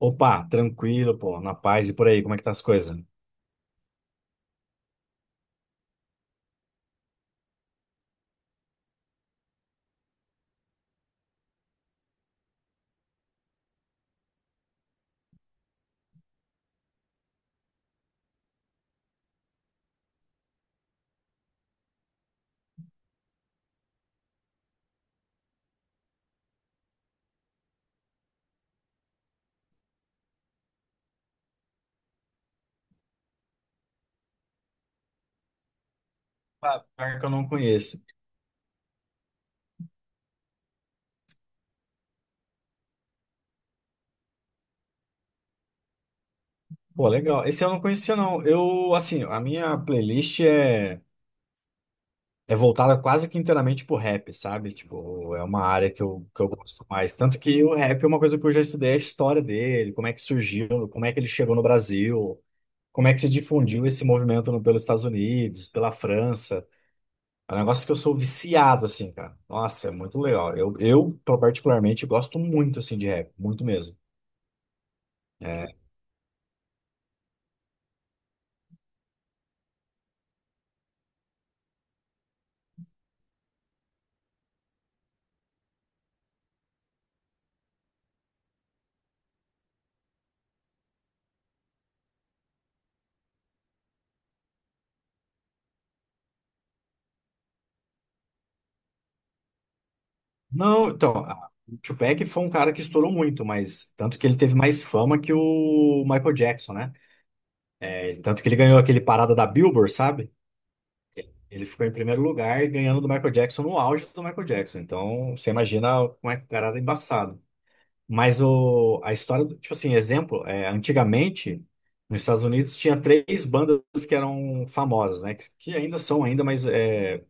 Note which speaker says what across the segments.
Speaker 1: Opa, tranquilo, pô, na paz e por aí, como é que tá as coisas? Ah, pior que eu não conheço. Pô, legal. Esse eu não conhecia, não. Eu, assim, a minha playlist é voltada quase que inteiramente pro rap, sabe? Tipo, é uma área que eu gosto mais. Tanto que o rap é uma coisa que eu já estudei a história dele, como é que surgiu, como é que ele chegou no Brasil, como é que se difundiu esse movimento pelos Estados Unidos, pela França. É um negócio que eu sou viciado, assim, cara. Nossa, é muito legal. Eu particularmente gosto muito, assim, de rap, muito mesmo. É. Não, então, o Tupac foi um cara que estourou muito, mas tanto que ele teve mais fama que o Michael Jackson, né? É, tanto que ele ganhou aquele parada da Billboard, sabe? Ele ficou em primeiro lugar, ganhando do Michael Jackson no auge do Michael Jackson. Então, você imagina como é que o cara era embaçado. Mas a história, tipo assim, exemplo, é, antigamente, nos Estados Unidos tinha três bandas que eram famosas, né? Que ainda são ainda, mas é,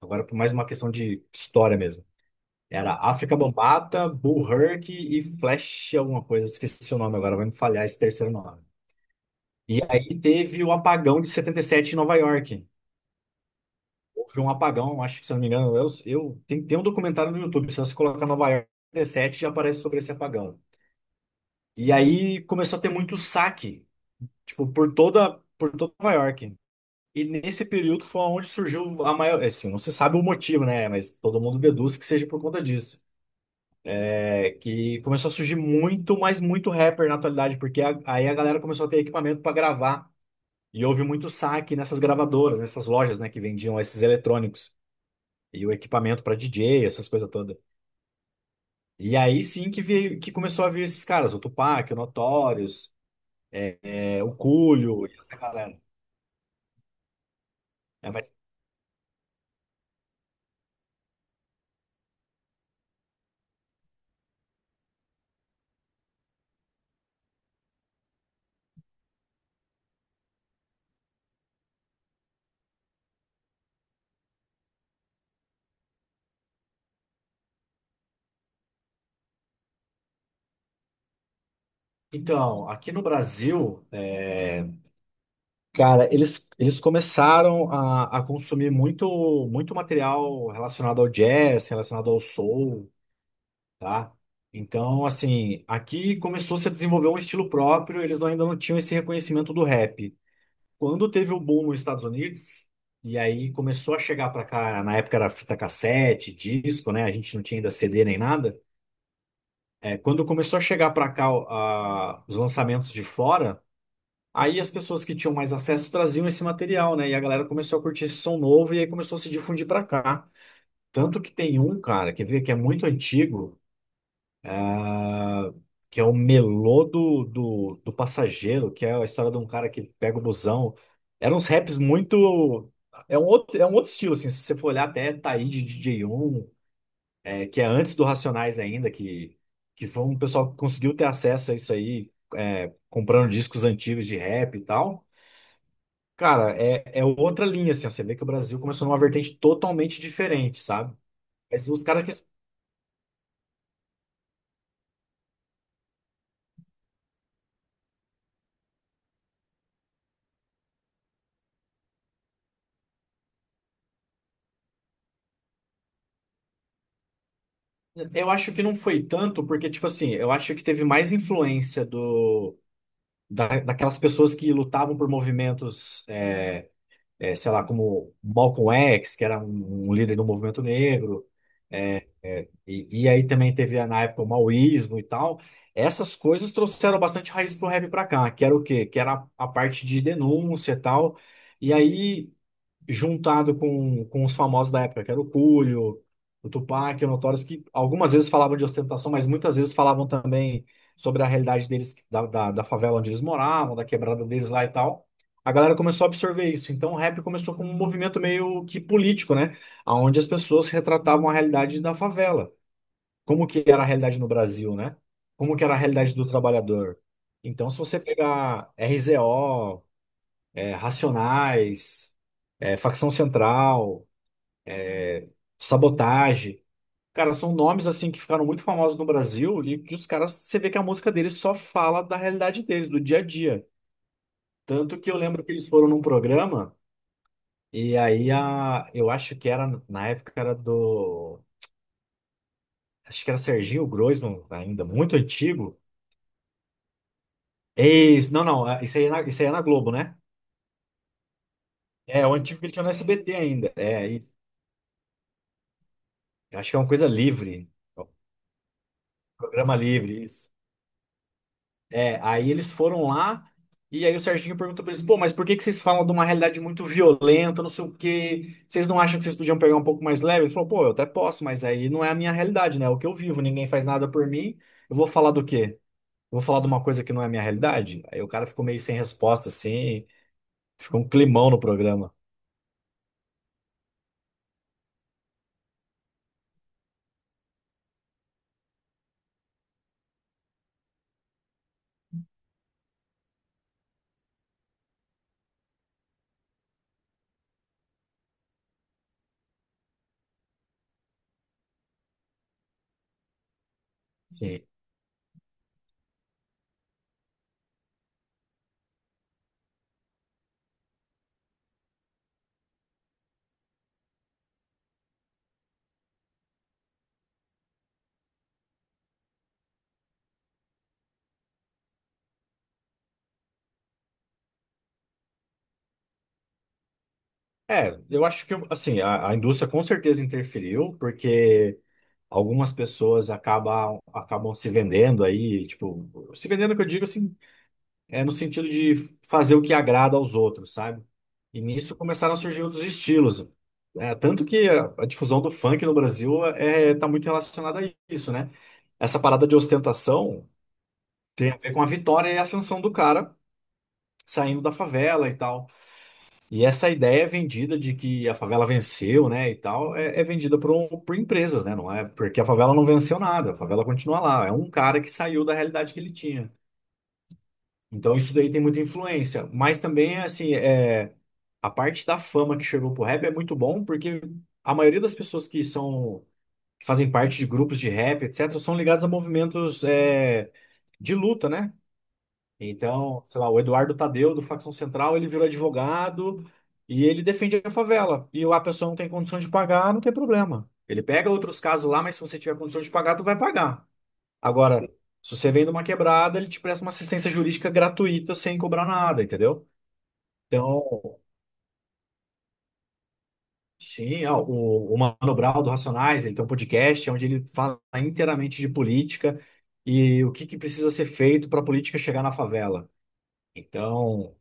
Speaker 1: agora por mais uma questão de história mesmo. Era África Bambata, Bull Herc e Flash alguma coisa. Esqueci o nome agora, vai me falhar esse terceiro nome. E aí teve o apagão de 77 em Nova York. Houve um apagão, acho que se eu não me engano, eu tem um documentário no YouTube. Se você colocar Nova York 77 já aparece sobre esse apagão. E aí começou a ter muito saque, tipo, por toda Nova York. E nesse período foi onde surgiu a maior, assim, não se sabe o motivo, né? Mas todo mundo deduz que seja por conta disso. É que começou a surgir muito, mas muito rapper na atualidade, porque aí a galera começou a ter equipamento para gravar. E houve muito saque nessas gravadoras, nessas lojas, né, que vendiam esses eletrônicos e o equipamento para DJ, essas coisas todas. E aí sim que veio, que começou a vir esses caras, o Tupac, o Notorious, é, o Coolio, e essa galera. É, mas, então, aqui no Brasil, é, cara, eles começaram a consumir muito, muito material relacionado ao jazz, relacionado ao soul, tá? Então, assim, aqui começou -se a desenvolver um estilo próprio, eles ainda não tinham esse reconhecimento do rap. Quando teve o boom nos Estados Unidos, e aí começou a chegar pra cá, na época era fita cassete, disco, né? A gente não tinha ainda CD nem nada. É, quando começou a chegar pra cá, ó, os lançamentos de fora, aí as pessoas que tinham mais acesso traziam esse material, né? E a galera começou a curtir esse som novo e aí começou a se difundir pra cá. Tanto que tem um, cara, quer ver, que é muito antigo, que é o Melô do Passageiro, que é a história de um cara que pega o busão. Eram uns raps muito. É um outro estilo, assim. Se você for olhar até Taíde DJ 1, é, que é antes do Racionais ainda, que foi um pessoal que conseguiu ter acesso a isso aí, é, comprando discos antigos de rap e tal. Cara, é, é outra linha, assim. Ó, você vê que o Brasil começou numa vertente totalmente diferente, sabe? Mas os caras que. Eu acho que não foi tanto, porque, tipo assim, eu acho que teve mais influência daquelas pessoas que lutavam por movimentos, sei lá, como Malcolm X, que era um líder do movimento negro, e aí também teve na época o maoísmo e tal. Essas coisas trouxeram bastante raiz pro rap pra cá, que era o quê? Que era a parte de denúncia e tal. E aí, juntado com os famosos da época, que era o Coolio, o Tupac, o Notorious, que algumas vezes falavam de ostentação, mas muitas vezes falavam também sobre a realidade deles, da favela onde eles moravam, da quebrada deles lá e tal. A galera começou a absorver isso. Então, o rap começou como um movimento meio que político, né? Onde as pessoas retratavam a realidade da favela. Como que era a realidade no Brasil, né? Como que era a realidade do trabalhador. Então, se você pegar RZO, Racionais, Facção Central, sabotagem, cara, são nomes assim que ficaram muito famosos no Brasil e que os caras, você vê que a música deles só fala da realidade deles, do dia a dia. Tanto que eu lembro que eles foram num programa. E aí a, eu acho que era na época era do, acho que era Serginho Groisman ainda, muito antigo. Isso, não, não, ah, isso aí é na, isso aí é na Globo, né? É, o antigo que ele tinha no SBT ainda. É, eu acho que é uma coisa livre, é um programa livre, isso. É, aí eles foram lá e aí o Serginho perguntou pra eles: pô, mas por que que vocês falam de uma realidade muito violenta, não sei o quê? Vocês não acham que vocês podiam pegar um pouco mais leve? Ele falou: pô, eu até posso, mas aí não é a minha realidade, né? É o que eu vivo, ninguém faz nada por mim. Eu vou falar do quê? Vou falar de uma coisa que não é a minha realidade? Aí o cara ficou meio sem resposta, assim, ficou um climão no programa. Sim. É, eu acho que, assim, a indústria com certeza interferiu, porque algumas pessoas acabam se vendendo aí, tipo, se vendendo que eu digo, assim, é no sentido de fazer o que agrada aos outros, sabe? E nisso começaram a surgir outros estilos. É, tanto que a difusão do funk no Brasil, é, tá muito relacionada a isso, né? Essa parada de ostentação. Tem a ver com a vitória e a ascensão do cara saindo da favela e tal. E essa ideia é vendida de que a favela venceu, né, e tal, é, é vendida por empresas, né? Não é porque a favela não venceu nada, a favela continua lá. É um cara que saiu da realidade que ele tinha. Então isso daí tem muita influência. Mas também, assim, é, a parte da fama que chegou pro rap é muito bom, porque a maioria das pessoas que fazem parte de grupos de rap, etc., são ligadas a movimentos, é, de luta, né? Então, sei lá, o Eduardo Tadeu, do Facção Central, ele virou advogado e ele defende a favela. E a pessoa não tem condição de pagar, não tem problema. Ele pega outros casos lá, mas se você tiver condição de pagar, tu vai pagar. Agora, se você vem de uma quebrada, ele te presta uma assistência jurídica gratuita sem cobrar nada, entendeu? Então, sim, ó, o Mano Brown do Racionais, ele tem um podcast onde ele fala inteiramente de política e o que que precisa ser feito para a política chegar na favela. Então,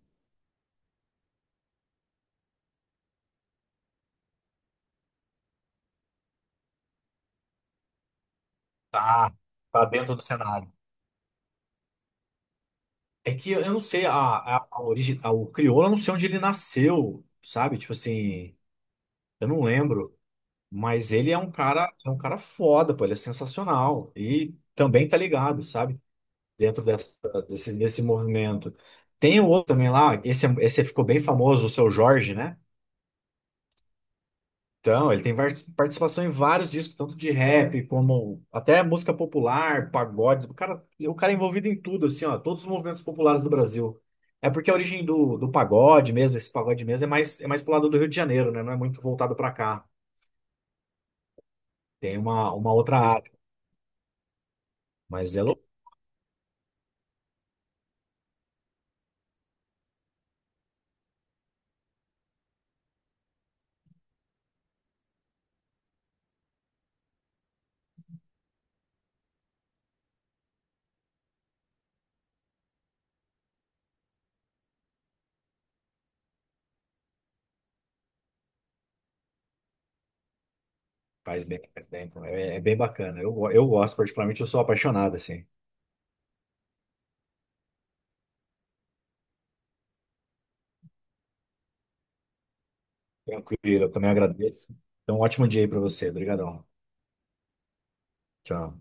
Speaker 1: tá, tá dentro do cenário. É que eu não sei, a origem, o crioulo, eu não sei onde ele nasceu, sabe? Tipo assim, eu não lembro. Mas ele é um cara foda, pô, ele é sensacional. E também tá ligado, sabe? Dentro desse movimento. Tem o outro também lá, esse, esse ficou bem famoso, o Seu Jorge, né? Então, ele tem participação em vários discos, tanto de rap como até música popular, pagodes. O cara é envolvido em tudo, assim, ó, todos os movimentos populares do Brasil. É porque a origem do pagode mesmo, esse pagode mesmo, é mais pro lado do Rio de Janeiro, né? Não é muito voltado pra cá. Tem uma outra área, mas é louco. Faz bem, faz bem. Então, é bem bacana. Eu gosto, particularmente, eu sou apaixonado, assim. Tranquilo, eu também agradeço. Então, um ótimo dia aí pra você. Obrigadão. Tchau.